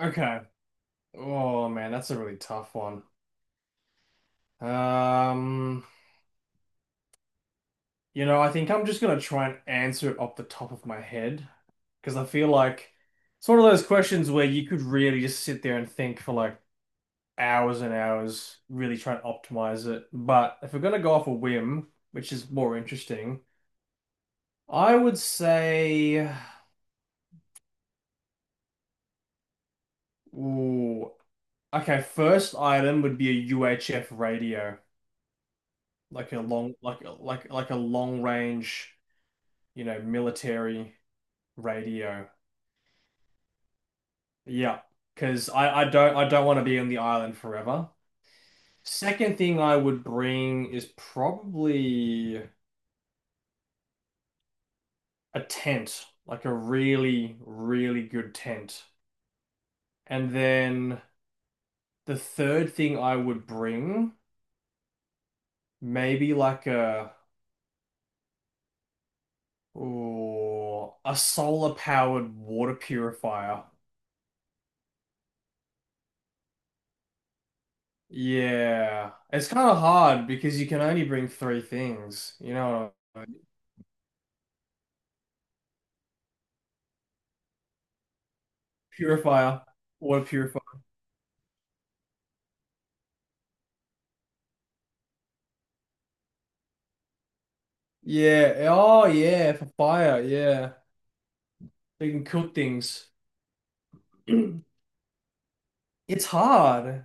Okay. Oh man, that's a really tough one. Um, I think I'm just gonna try and answer it off the top of my head because I feel like it's one of those questions where you could really just sit there and think for like hours and hours, really try and optimize it. But if we're gonna go off a whim, which is more interesting, I would say, ooh, okay, first item would be a UHF radio, like a long, like a long range, you know, military radio. Yeah, because I don't want to be on the island forever. Second thing I would bring is probably a tent, like a really, really good tent. And then the third thing I would bring, maybe a solar powered water purifier. Yeah, it's kind of hard because you can only bring three things, you know what I mean? Purifier. Water purifier. Yeah. Oh, yeah. For fire. Yeah. They can cook things. It's hard.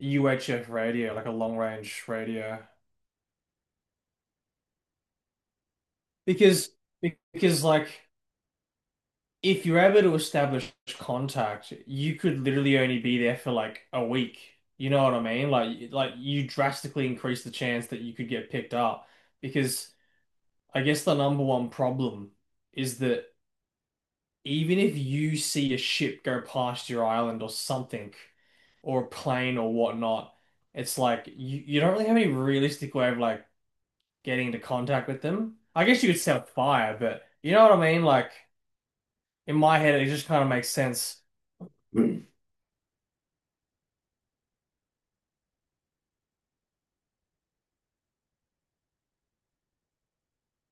UHF radio, like a long range radio. Because, because like, if you're able to establish contact, you could literally only be there for like a week. You know what I mean? Like you drastically increase the chance that you could get picked up. Because I guess the number one problem is that even if you see a ship go past your island or something, or a plane or whatnot, it's like you don't really have any realistic way of like getting into contact with them. I guess you could set fire, but you know what I mean? Like in my head, it just kind of makes sense. Mm.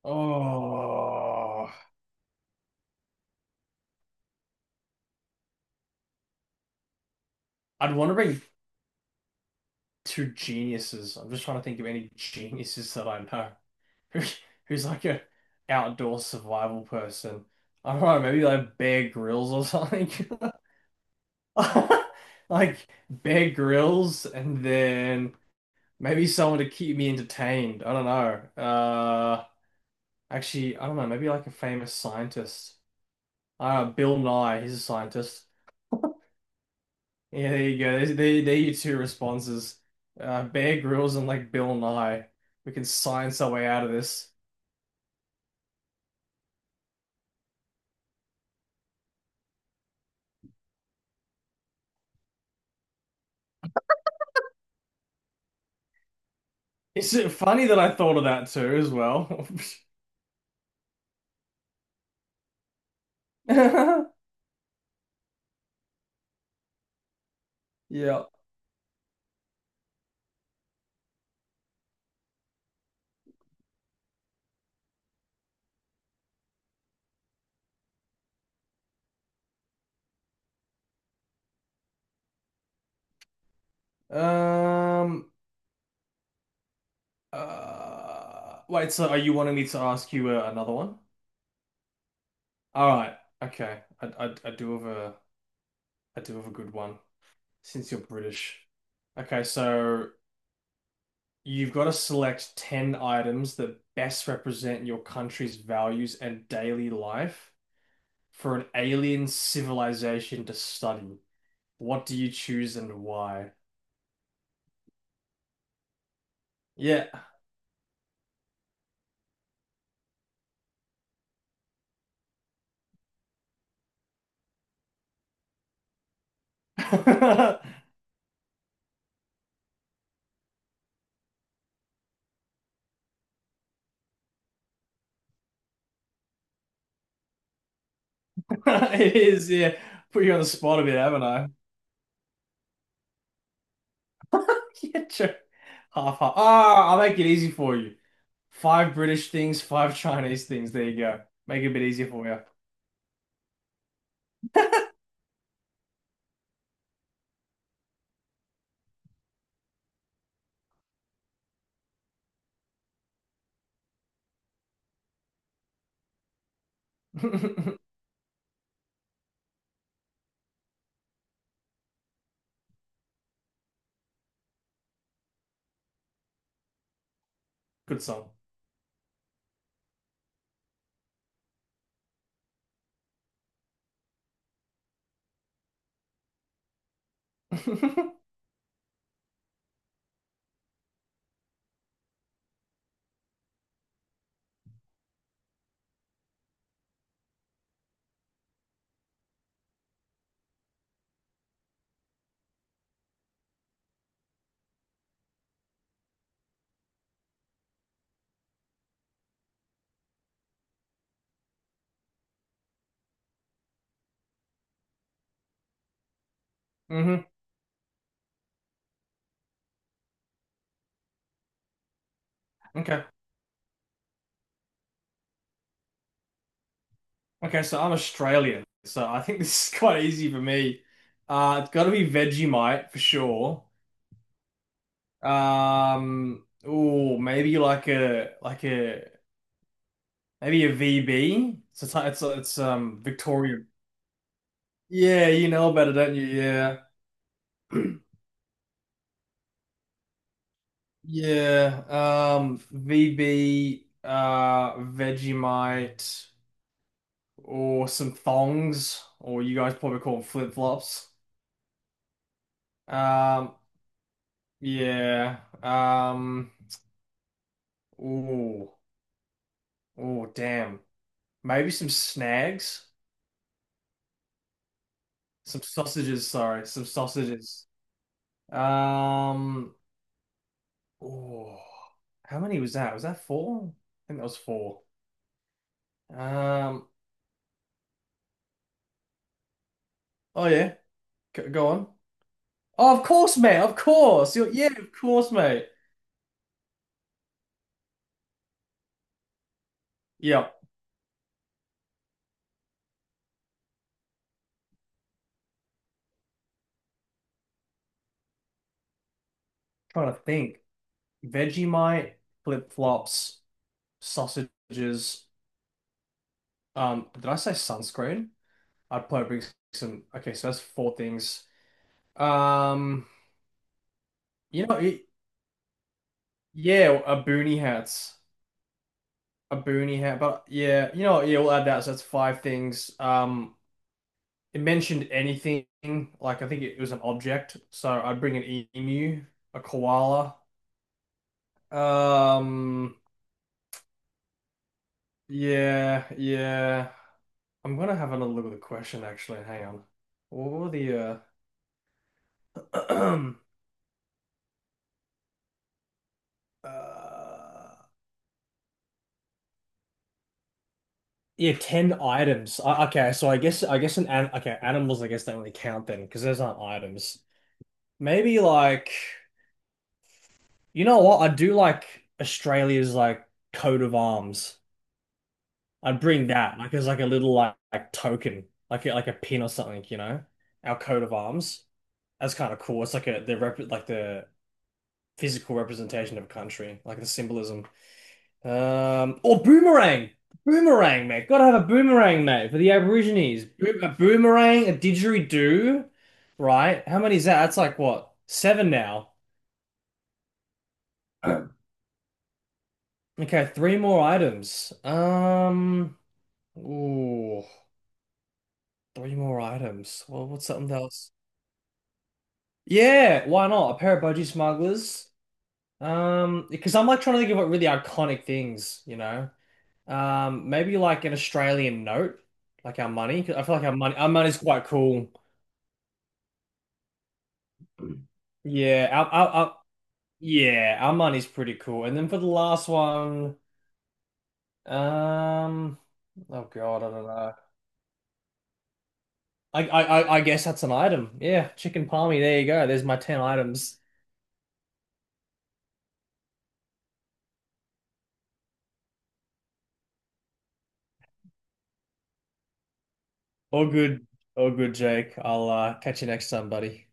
Oh, I'd want to bring two geniuses. I'm just trying to think of any geniuses that I know who, who's like a outdoor survival person. I don't know, maybe like Bear grills or something. Like Bear grills, and then maybe someone to keep me entertained. I don't know. Actually, I don't know. Maybe like a famous scientist. Bill Nye, he's a scientist. Yeah, there you go. There are your two responses. Bear grills and like Bill Nye. We can science our way out of this. It's funny that I thought of that too as well. Yeah. Um. Wait. So, are you wanting me to ask you another one? All right. Okay. I do have a I do have a good one since you're British. Okay, so you've got to select 10 items that best represent your country's values and daily life for an alien civilization to study. What do you choose and why? Yeah. It is, yeah. Put you on the spot a bit, haven't I? Yeah, sure. Half, half. Ah, I'll make it easy for you. Five British things, five Chinese things. There you go. Make it a bit easier for you. Good song. Hmm. Okay. Okay, so I'm Australian, so I think this is quite easy for me. It's got to be Vegemite for sure. Oh, maybe like a maybe a VB. It's a, ty- it's a- it's Victoria. Yeah, you know about it, don't you? Yeah. Yeah, VB, Vegemite, or some thongs, or you guys probably call them flip-flops. Um, yeah. Um, ooh, damn. Maybe some snags, some sausages. Sorry, some sausages. Um, oh, how many was that? Was that four? I think that was four. Um, oh yeah, go on. Oh, of course, mate. Of course. Yeah, of course, mate. Yep. Trying to think. Vegemite, flip-flops, sausages. Did I say sunscreen? I'd probably bring some. Okay, so that's four things. Um, you know, yeah, a boonie hats, a boonie hat, but yeah, you know, yeah, we'll add that. So that's five things. It mentioned anything like I think it was an object, so I'd bring an emu, a koala. Um, yeah, yeah. I'm gonna have another look at the question actually. Hang on. What were the uh Uh, yeah, 10 items. Okay, so I guess an okay, animals I guess don't really count then because those aren't items. Maybe like you know what? I do like Australia's like coat of arms. I'd bring that like as like a like token, like a pin or something, you know? Our coat of arms. That's kind of cool. It's like a the rep like the physical representation of a country, like the symbolism. Um, or boomerang, boomerang, mate. Gotta have a boomerang, mate, for the Aborigines. Bo a boomerang, a didgeridoo, right? How many is that? That's like what? Seven now. Okay, three more items. Ooh, three more items. Well, what's something else? Yeah, why not? A pair of budgie smugglers. Because I'm like trying to think of what really iconic things, you know. Maybe like an Australian note, like our money. 'Cause I feel like our money's quite cool. Yeah, our money's pretty cool. And then for the last one, um, oh God, I don't know. I guess that's an item. Yeah, chicken palmy. There you go. There's my ten items. All good, all good, Jake. I'll catch you next time, buddy.